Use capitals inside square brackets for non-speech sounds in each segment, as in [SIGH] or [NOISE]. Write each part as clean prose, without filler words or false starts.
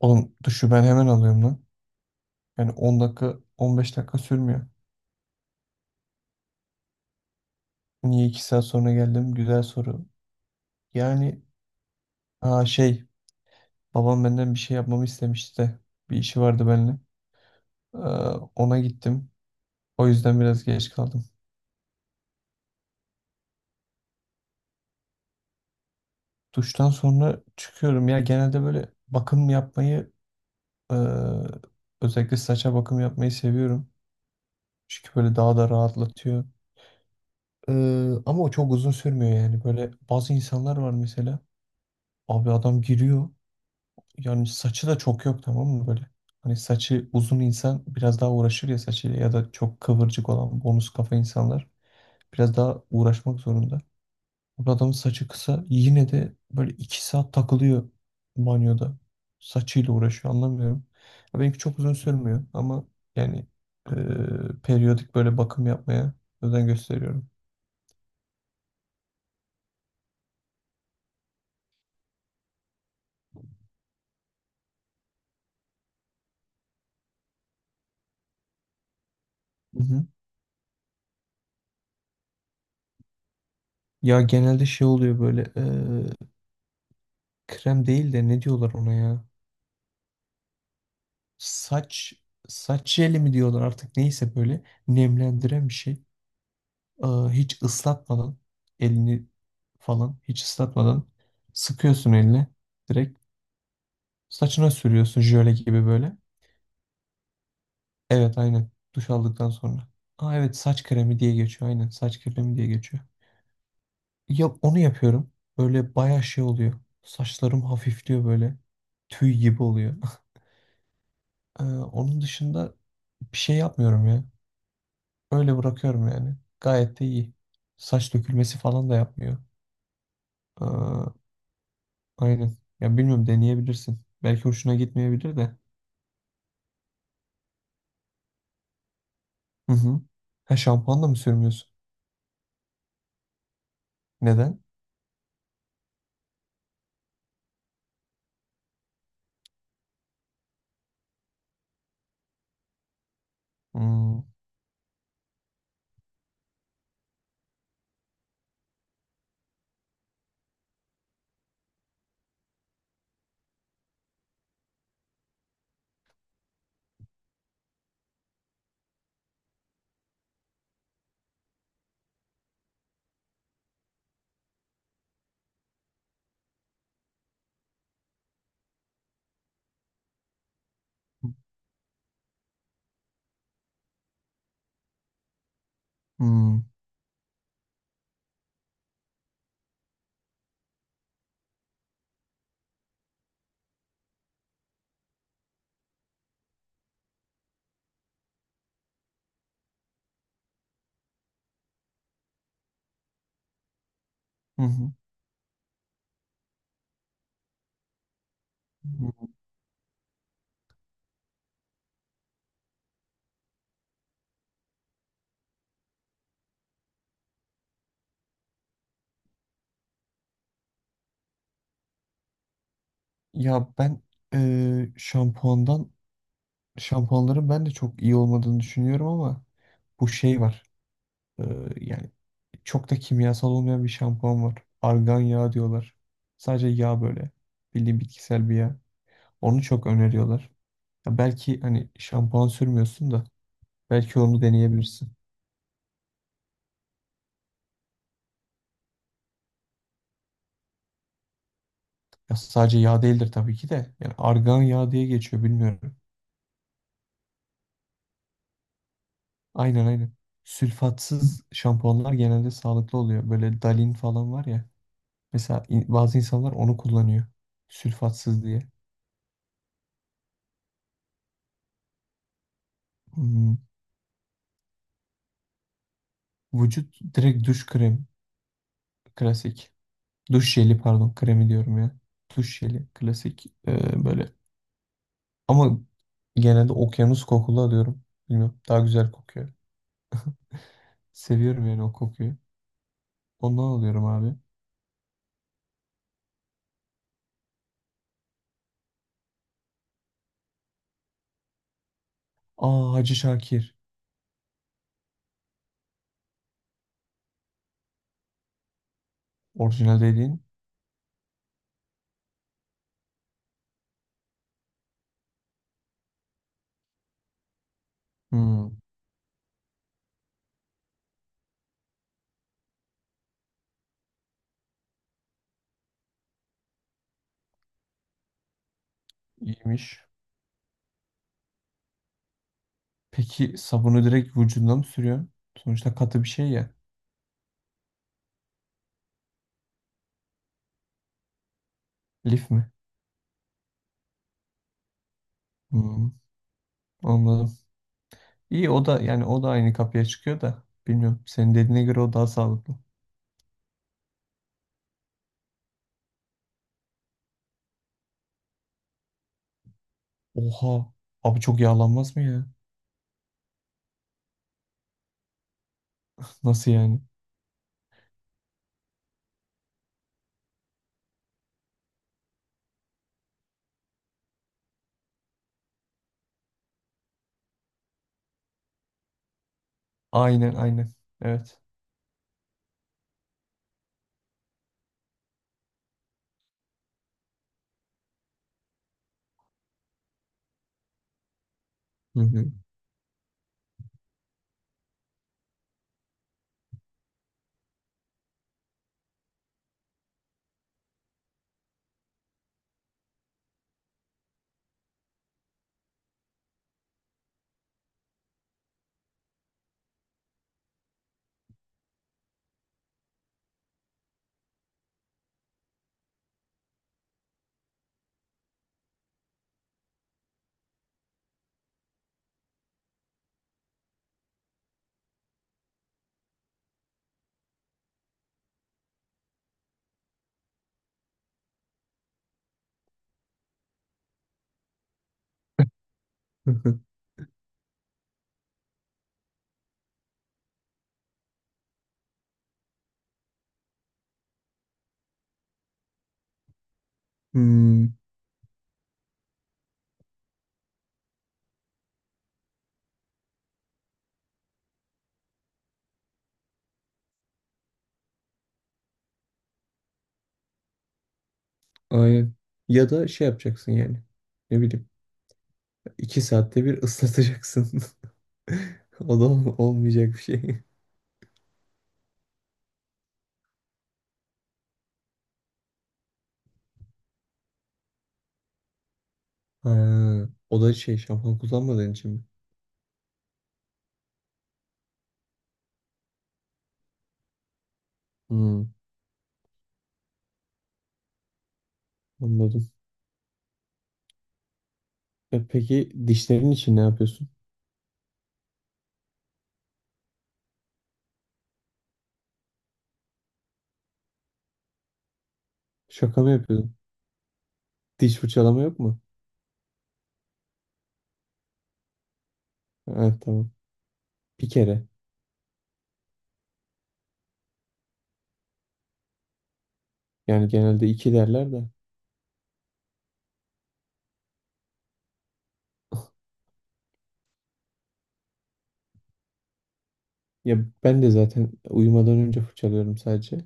Oğlum duşu ben hemen alıyorum lan. Yani 10 dakika 15 dakika sürmüyor. Niye 2 saat sonra geldim? Güzel soru. Yani aa şey babam benden bir şey yapmamı istemişti de bir işi vardı benimle. Ee, ona gittim. O yüzden biraz geç kaldım. Duştan sonra çıkıyorum ya, genelde böyle bakım yapmayı, ee, özellikle saça bakım yapmayı seviyorum. Çünkü böyle daha da rahatlatıyor. Ee, ama o çok uzun sürmüyor yani. Böyle bazı insanlar var mesela. Abi adam giriyor. Yani saçı da çok yok, tamam mı böyle? Hani saçı uzun insan biraz daha uğraşır ya saçıyla, ya da çok kıvırcık olan bonus kafa insanlar biraz daha uğraşmak zorunda. Bu adamın saçı kısa, yine de böyle 2 saat takılıyor banyoda. Saçıyla uğraşıyor, anlamıyorum. Ya benimki çok uzun sürmüyor ama yani periyodik böyle bakım yapmaya özen gösteriyorum. Hı hı. Ya genelde şey oluyor böyle. Krem değil de ne diyorlar ona ya? Saç saç jeli mi diyorlar, artık neyse, böyle nemlendiren bir şey. Hiç ıslatmadan elini falan hiç ıslatmadan sıkıyorsun eline. Direkt saçına sürüyorsun, jöle gibi böyle. Evet, aynen duş aldıktan sonra. Aa evet, saç kremi diye geçiyor, aynen saç kremi diye geçiyor. Ya onu yapıyorum. Böyle bayağı şey oluyor. Saçlarım hafifliyor böyle. Tüy gibi oluyor. [LAUGHS] Onun dışında bir şey yapmıyorum ya. Öyle bırakıyorum yani. Gayet de iyi. Saç dökülmesi falan da yapmıyor. Aa, aynen. Ya bilmiyorum, deneyebilirsin. Belki hoşuna gitmeyebilir de. Hı hı. Ha, şampuanla mı sürmüyorsun? Neden? Hmm. Hmm. Hı hı. Ya ben şampuandan şampuanların ben de çok iyi olmadığını düşünüyorum, ama bu şey var. Eee, yani çok da kimyasal olmayan bir şampuan var. Argan yağı diyorlar. Sadece yağ böyle. Bildiğin bitkisel bir yağ. Onu çok öneriyorlar. Ya belki hani şampuan sürmüyorsun da, belki onu deneyebilirsin. Ya sadece yağ değildir tabii ki de. Yani argan yağı diye geçiyor, bilmiyorum. Aynen, aynen. Sülfatsız şampuanlar genelde sağlıklı oluyor. Böyle Dalin falan var ya. Mesela bazı insanlar onu kullanıyor. Sülfatsız diye. Hmm. Vücut direkt duş krem klasik. Duş jeli pardon, kremi diyorum ya. Duş jeli klasik. Böyle Ama genelde okyanus kokulu alıyorum. Bilmiyorum, daha güzel kokuyor. Seviyorum yani o kokuyu. Ondan alıyorum abi. Aa, Hacı Şakir. Orijinal dediğin. Hmm, iyiymiş. Peki sabunu direkt vücuduna mı sürüyorsun? Sonuçta katı bir şey ya. Lif mi? Hmm, anladım. İyi, o da yani o da aynı kapıya çıkıyor da. Bilmiyorum, senin dediğine göre o daha sağlıklı. Oha. Abi çok yağlanmaz mı ya? [LAUGHS] Nasıl yani? Aynen, aynen. Evet. Hı hı. [LAUGHS] Hı hı. Hmm. Aynen. Ya da şey yapacaksın yani. Ne bileyim. 2 saatte bir ıslatacaksın. [LAUGHS] O da olmayacak bir şey. [LAUGHS] Ha, o da şey şampuan kullanmadığın için mi? Hmm, anladım. E peki, dişlerin için ne yapıyorsun? Şaka mı yapıyorsun? Diş fırçalama yok mu? Evet, tamam. Bir kere. Yani genelde iki derler de. [LAUGHS] Ya ben de zaten uyumadan önce fırçalıyorum sadece.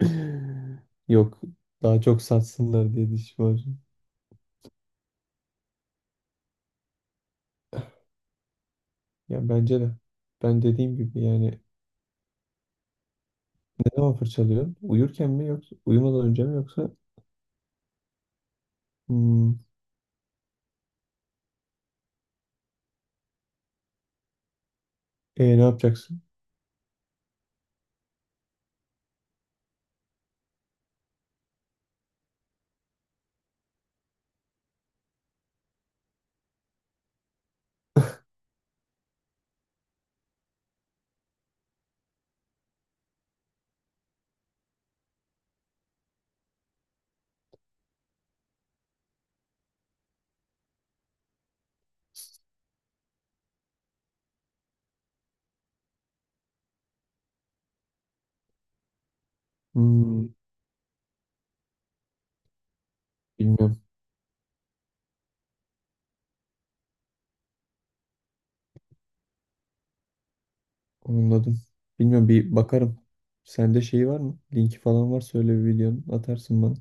[LAUGHS] Yok. Daha çok satsınlar diye diş var. Ya bence de. Ben dediğim gibi yani. Ne zaman fırçalıyorsun? Uyurken mi, yoksa uyumadan önce mi, yoksa hmm, ne yapacaksın? Hmm, bilmiyorum. Anladım. Bilmiyorum, bir bakarım. Sende şey var mı? Linki falan var söyle, bir videonun atarsın bana.